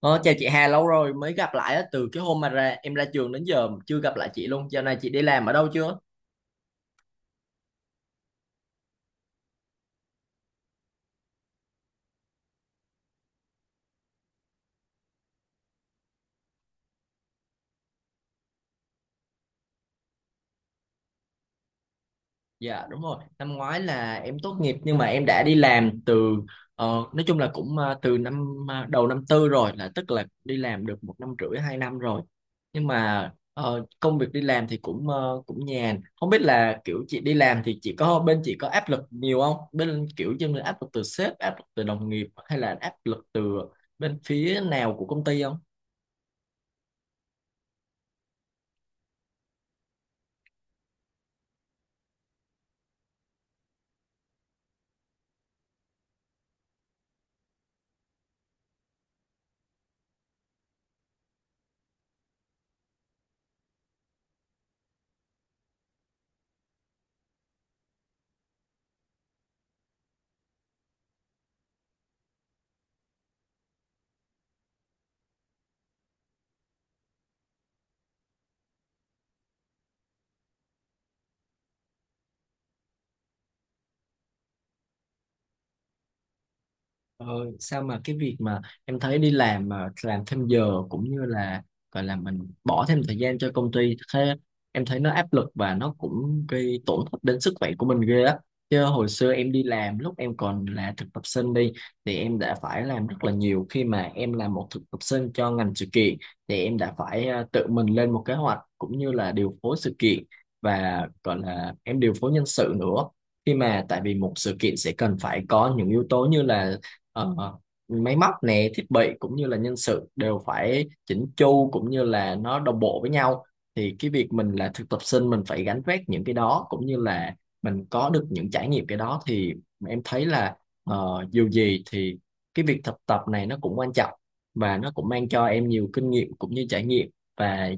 Ờ, Chào chị Hà, lâu rồi mới gặp lại á, từ cái hôm mà em ra trường đến giờ chưa gặp lại chị luôn. Giờ này chị đi làm ở đâu chưa? Dạ đúng rồi, năm ngoái là em tốt nghiệp nhưng mà em đã đi làm từ ờ, nói chung là cũng từ năm đầu năm tư rồi, là tức là đi làm được một năm rưỡi hai năm rồi. Nhưng mà công việc đi làm thì cũng cũng nhàn. Không biết là kiểu chị đi làm thì chị có bên chị có áp lực nhiều không? Bên kiểu như là áp lực từ sếp, áp lực từ đồng nghiệp hay là áp lực từ bên phía nào của công ty không? Ờ, Sao mà cái việc mà em thấy đi làm mà làm thêm giờ cũng như là gọi là mình bỏ thêm thời gian cho công ty thế, em thấy nó áp lực và nó cũng gây tổn thất đến sức khỏe của mình ghê á. Chứ hồi xưa em đi làm lúc em còn là thực tập sinh đi, thì em đã phải làm rất là nhiều khi mà em là một thực tập sinh cho ngành sự kiện, thì em đã phải tự mình lên một kế hoạch cũng như là điều phối sự kiện và gọi là em điều phối nhân sự nữa. Khi mà tại vì một sự kiện sẽ cần phải có những yếu tố như là Ờ, máy móc nè, thiết bị cũng như là nhân sự đều phải chỉnh chu cũng như là nó đồng bộ với nhau, thì cái việc mình là thực tập sinh mình phải gánh vác những cái đó cũng như là mình có được những trải nghiệm cái đó, thì em thấy là dù gì thì cái việc thực tập này nó cũng quan trọng và nó cũng mang cho em nhiều kinh nghiệm cũng như trải nghiệm. Và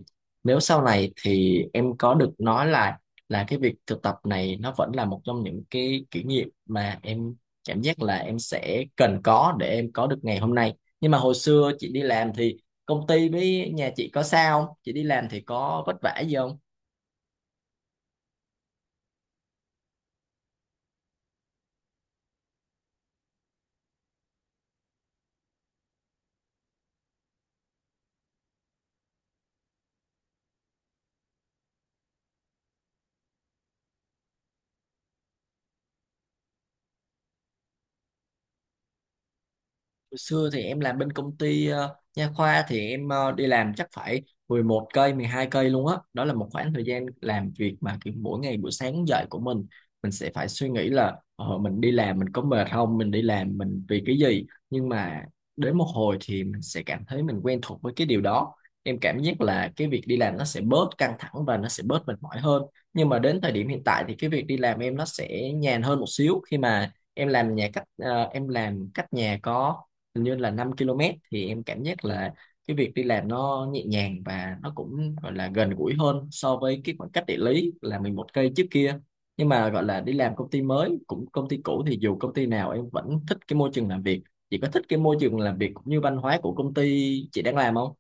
nếu sau này thì em có được nói là cái việc thực tập này nó vẫn là một trong những cái kỷ niệm mà em cảm giác là em sẽ cần có để em có được ngày hôm nay. Nhưng mà hồi xưa chị đi làm thì công ty với nhà chị có sao không, chị đi làm thì có vất vả gì không? Hồi xưa thì em làm bên công ty nha khoa, thì em đi làm chắc phải 11 cây, 12 cây luôn á. Đó là một khoảng thời gian làm việc mà kiểu mỗi ngày buổi sáng dậy của mình sẽ phải suy nghĩ là mình đi làm mình có mệt không, mình đi làm mình vì cái gì. Nhưng mà đến một hồi thì mình sẽ cảm thấy mình quen thuộc với cái điều đó. Em cảm giác là cái việc đi làm nó sẽ bớt căng thẳng và nó sẽ bớt mệt mỏi hơn. Nhưng mà đến thời điểm hiện tại thì cái việc đi làm em nó sẽ nhàn hơn một xíu, khi mà em làm nhà cách ờ, em làm cách nhà có hình như là 5 km, thì em cảm giác là cái việc đi làm nó nhẹ nhàng và nó cũng gọi là gần gũi hơn so với cái khoảng cách địa lý là 11 cây trước kia. Nhưng mà gọi là đi làm công ty mới cũng công ty cũ thì dù công ty nào em vẫn thích cái môi trường làm việc. Chị có thích cái môi trường làm việc cũng như văn hóa của công ty chị đang làm không?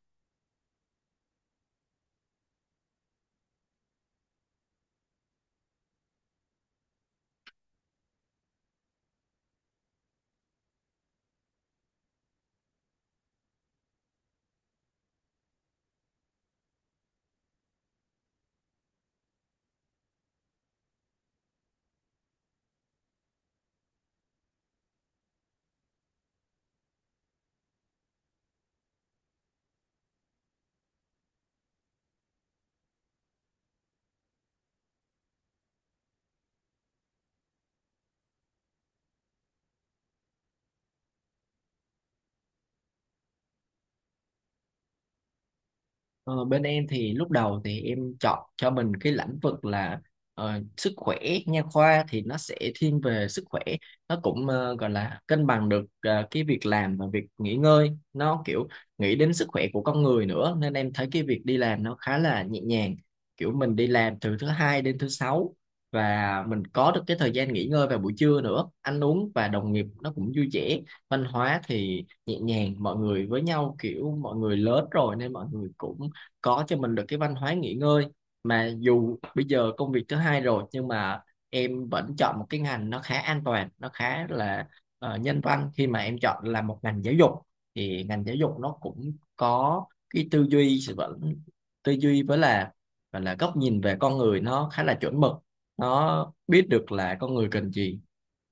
Ờ, Bên em thì lúc đầu thì em chọn cho mình cái lĩnh vực là sức khỏe, nha khoa thì nó sẽ thiên về sức khỏe, nó cũng gọi là cân bằng được cái việc làm và việc nghỉ ngơi, nó kiểu nghĩ đến sức khỏe của con người nữa nên em thấy cái việc đi làm nó khá là nhẹ nhàng, kiểu mình đi làm từ thứ hai đến thứ sáu và mình có được cái thời gian nghỉ ngơi vào buổi trưa nữa, ăn uống và đồng nghiệp nó cũng vui vẻ, văn hóa thì nhẹ nhàng, mọi người với nhau kiểu mọi người lớn rồi nên mọi người cũng có cho mình được cái văn hóa nghỉ ngơi. Mà dù bây giờ công việc thứ hai rồi nhưng mà em vẫn chọn một cái ngành nó khá an toàn, nó khá là nhân văn, khi mà em chọn là một ngành giáo dục, thì ngành giáo dục nó cũng có cái tư duy sự vẫn tư duy với là và là góc nhìn về con người nó khá là chuẩn mực, nó biết được là con người cần gì,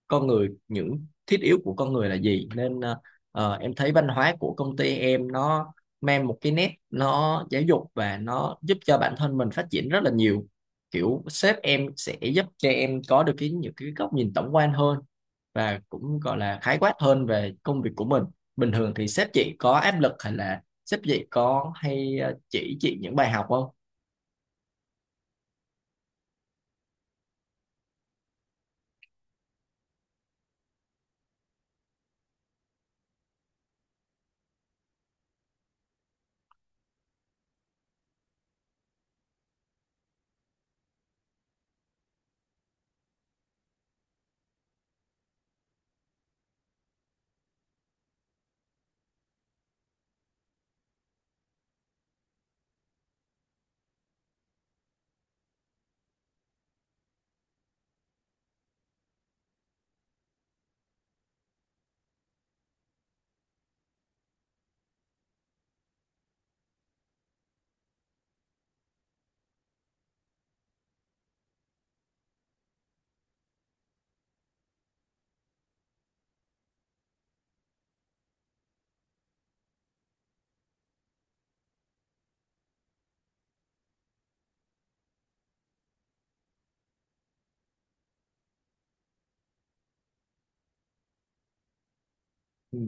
con người những thiết yếu của con người là gì, nên em thấy văn hóa của công ty em nó mang một cái nét nó giáo dục và nó giúp cho bản thân mình phát triển rất là nhiều, kiểu sếp em sẽ giúp cho em có được cái những cái góc nhìn tổng quan hơn và cũng gọi là khái quát hơn về công việc của mình. Bình thường thì sếp chị có áp lực hay là sếp chị có hay chỉ chị những bài học không? Ừ.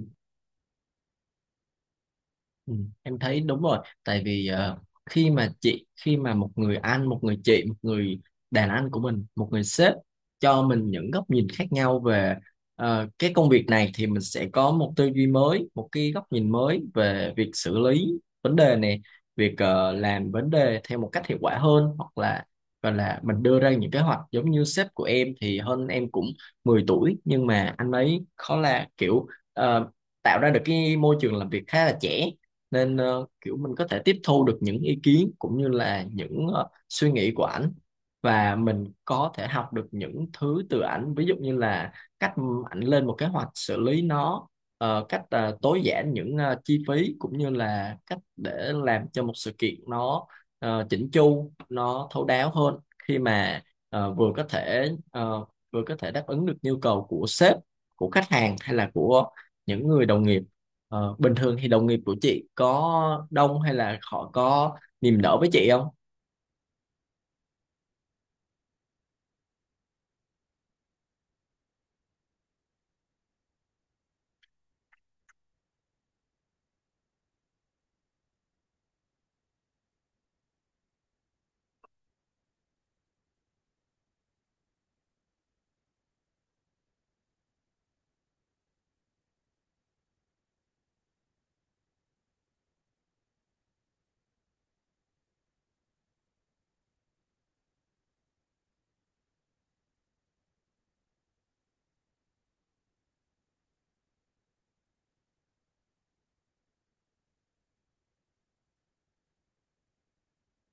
Ừ, em thấy đúng rồi, tại vì khi mà một người anh, một người chị, một người đàn anh của mình, một người sếp cho mình những góc nhìn khác nhau về cái công việc này, thì mình sẽ có một tư duy mới, một cái góc nhìn mới về việc xử lý vấn đề này, việc làm vấn đề theo một cách hiệu quả hơn, hoặc là gọi là mình đưa ra những kế hoạch. Giống như sếp của em thì hơn em cũng 10 tuổi, nhưng mà anh ấy khó là kiểu ờ, tạo ra được cái môi trường làm việc khá là trẻ, nên kiểu mình có thể tiếp thu được những ý kiến cũng như là những suy nghĩ của ảnh, và mình có thể học được những thứ từ ảnh, ví dụ như là cách ảnh lên một kế hoạch xử lý nó, cách tối giản những chi phí cũng như là cách để làm cho một sự kiện nó chỉnh chu, nó thấu đáo hơn, khi mà ờ, vừa có thể ờ, vừa có thể đáp ứng được nhu cầu của sếp, của khách hàng hay là của những người đồng nghiệp. Bình thường thì đồng nghiệp của chị có đông hay là họ có niềm nở với chị không?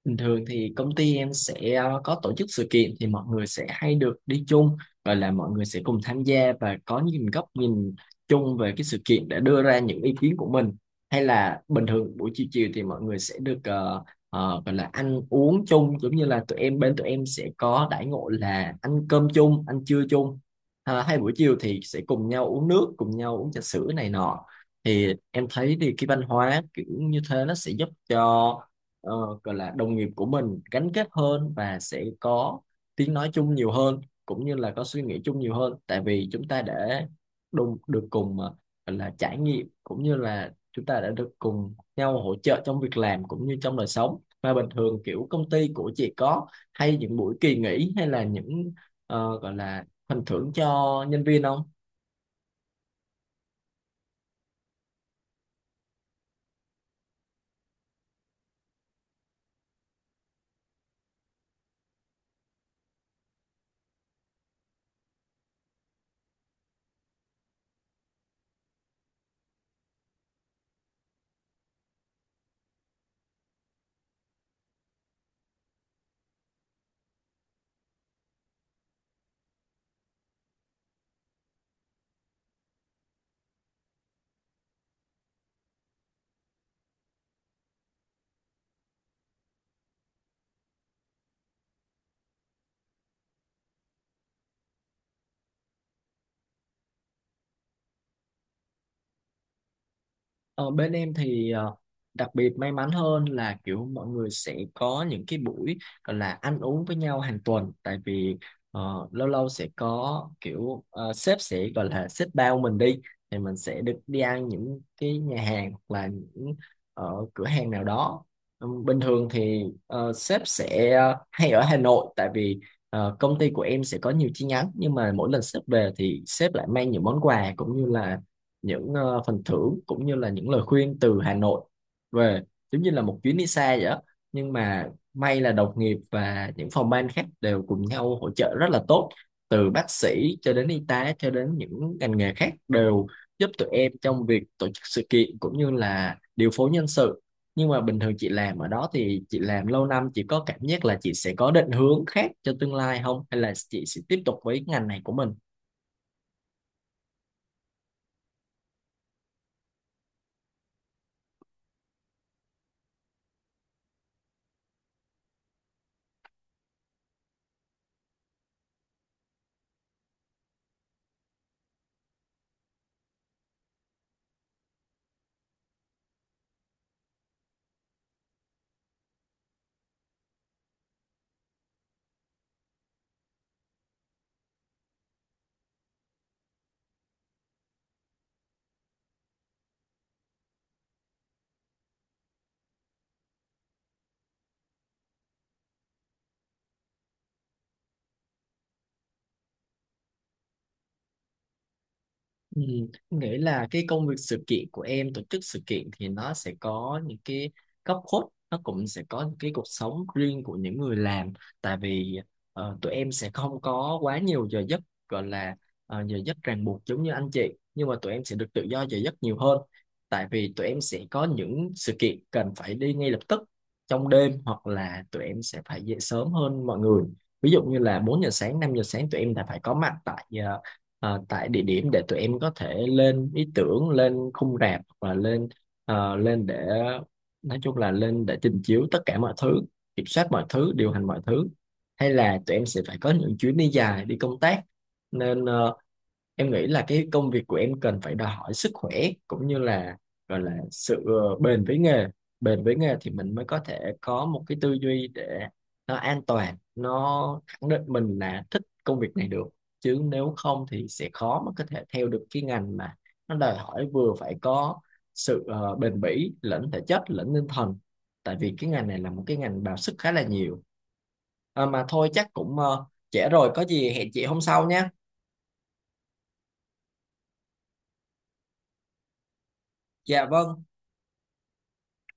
Bình thường thì công ty em sẽ có tổ chức sự kiện thì mọi người sẽ hay được đi chung, và là mọi người sẽ cùng tham gia và có những góc nhìn chung về cái sự kiện để đưa ra những ý kiến của mình. Hay là bình thường buổi chiều chiều thì mọi người sẽ được gọi là ăn uống chung, giống như là tụi em sẽ có đãi ngộ là ăn cơm chung, ăn trưa chung, à, hay buổi chiều thì sẽ cùng nhau uống nước, cùng nhau uống trà sữa này nọ. Thì em thấy thì cái văn hóa kiểu như thế nó sẽ giúp cho ờ, gọi là đồng nghiệp của mình gắn kết hơn và sẽ có tiếng nói chung nhiều hơn cũng như là có suy nghĩ chung nhiều hơn, tại vì chúng ta đã được cùng gọi là trải nghiệm cũng như là chúng ta đã được cùng nhau hỗ trợ trong việc làm cũng như trong đời sống. Và bình thường kiểu công ty của chị có hay những buổi kỳ nghỉ hay là những gọi là phần thưởng cho nhân viên không? Ờ, Bên em thì đặc biệt may mắn hơn là kiểu mọi người sẽ có những cái buổi gọi là ăn uống với nhau hàng tuần, tại vì lâu lâu sẽ có kiểu sếp sẽ gọi là sếp bao mình đi, thì mình sẽ được đi ăn những cái nhà hàng hoặc là những cửa hàng nào đó. Ừ, bình thường thì sếp sẽ hay ở Hà Nội, tại vì công ty của em sẽ có nhiều chi nhánh, nhưng mà mỗi lần sếp về thì sếp lại mang những món quà cũng như là những phần thưởng cũng như là những lời khuyên từ Hà Nội về, giống như là một chuyến đi xa vậy đó. Nhưng mà may là đồng nghiệp và những phòng ban khác đều cùng nhau hỗ trợ rất là tốt, từ bác sĩ cho đến y tá cho đến những ngành nghề khác đều giúp tụi em trong việc tổ chức sự kiện cũng như là điều phối nhân sự. Nhưng mà bình thường chị làm ở đó thì chị làm lâu năm, chị có cảm giác là chị sẽ có định hướng khác cho tương lai không, hay là chị sẽ tiếp tục với ngành này của mình? Ừ, em nghĩ là cái công việc sự kiện của em, tổ chức sự kiện thì nó sẽ có những cái góc khuất, nó cũng sẽ có những cái cuộc sống riêng của những người làm. Tại vì tụi em sẽ không có quá nhiều giờ giấc gọi là giờ giấc ràng buộc giống như anh chị, nhưng mà tụi em sẽ được tự do giờ giấc nhiều hơn, tại vì tụi em sẽ có những sự kiện cần phải đi ngay lập tức trong đêm, hoặc là tụi em sẽ phải dậy sớm hơn mọi người, ví dụ như là 4 giờ sáng, 5 giờ sáng tụi em đã phải có mặt tại tại địa điểm để tụi em có thể lên ý tưởng, lên khung rạp và lên ờ, lên để nói chung là lên để trình chiếu tất cả mọi thứ, kiểm soát mọi thứ, điều hành mọi thứ, hay là tụi em sẽ phải có những chuyến đi dài, đi công tác. Nên em nghĩ là cái công việc của em cần phải đòi hỏi sức khỏe cũng như là gọi là sự bền với nghề. Bền với nghề thì mình mới có thể có một cái tư duy để nó an toàn, nó khẳng định mình là thích công việc này được, chứ nếu không thì sẽ khó mà có thể theo được cái ngành mà nó đòi hỏi vừa phải có sự bền bỉ lẫn thể chất lẫn tinh thần, tại vì cái ngành này là một cái ngành bào sức khá là nhiều. À, mà thôi chắc cũng trễ rồi, có gì hẹn chị hôm sau nhé. Dạ vâng.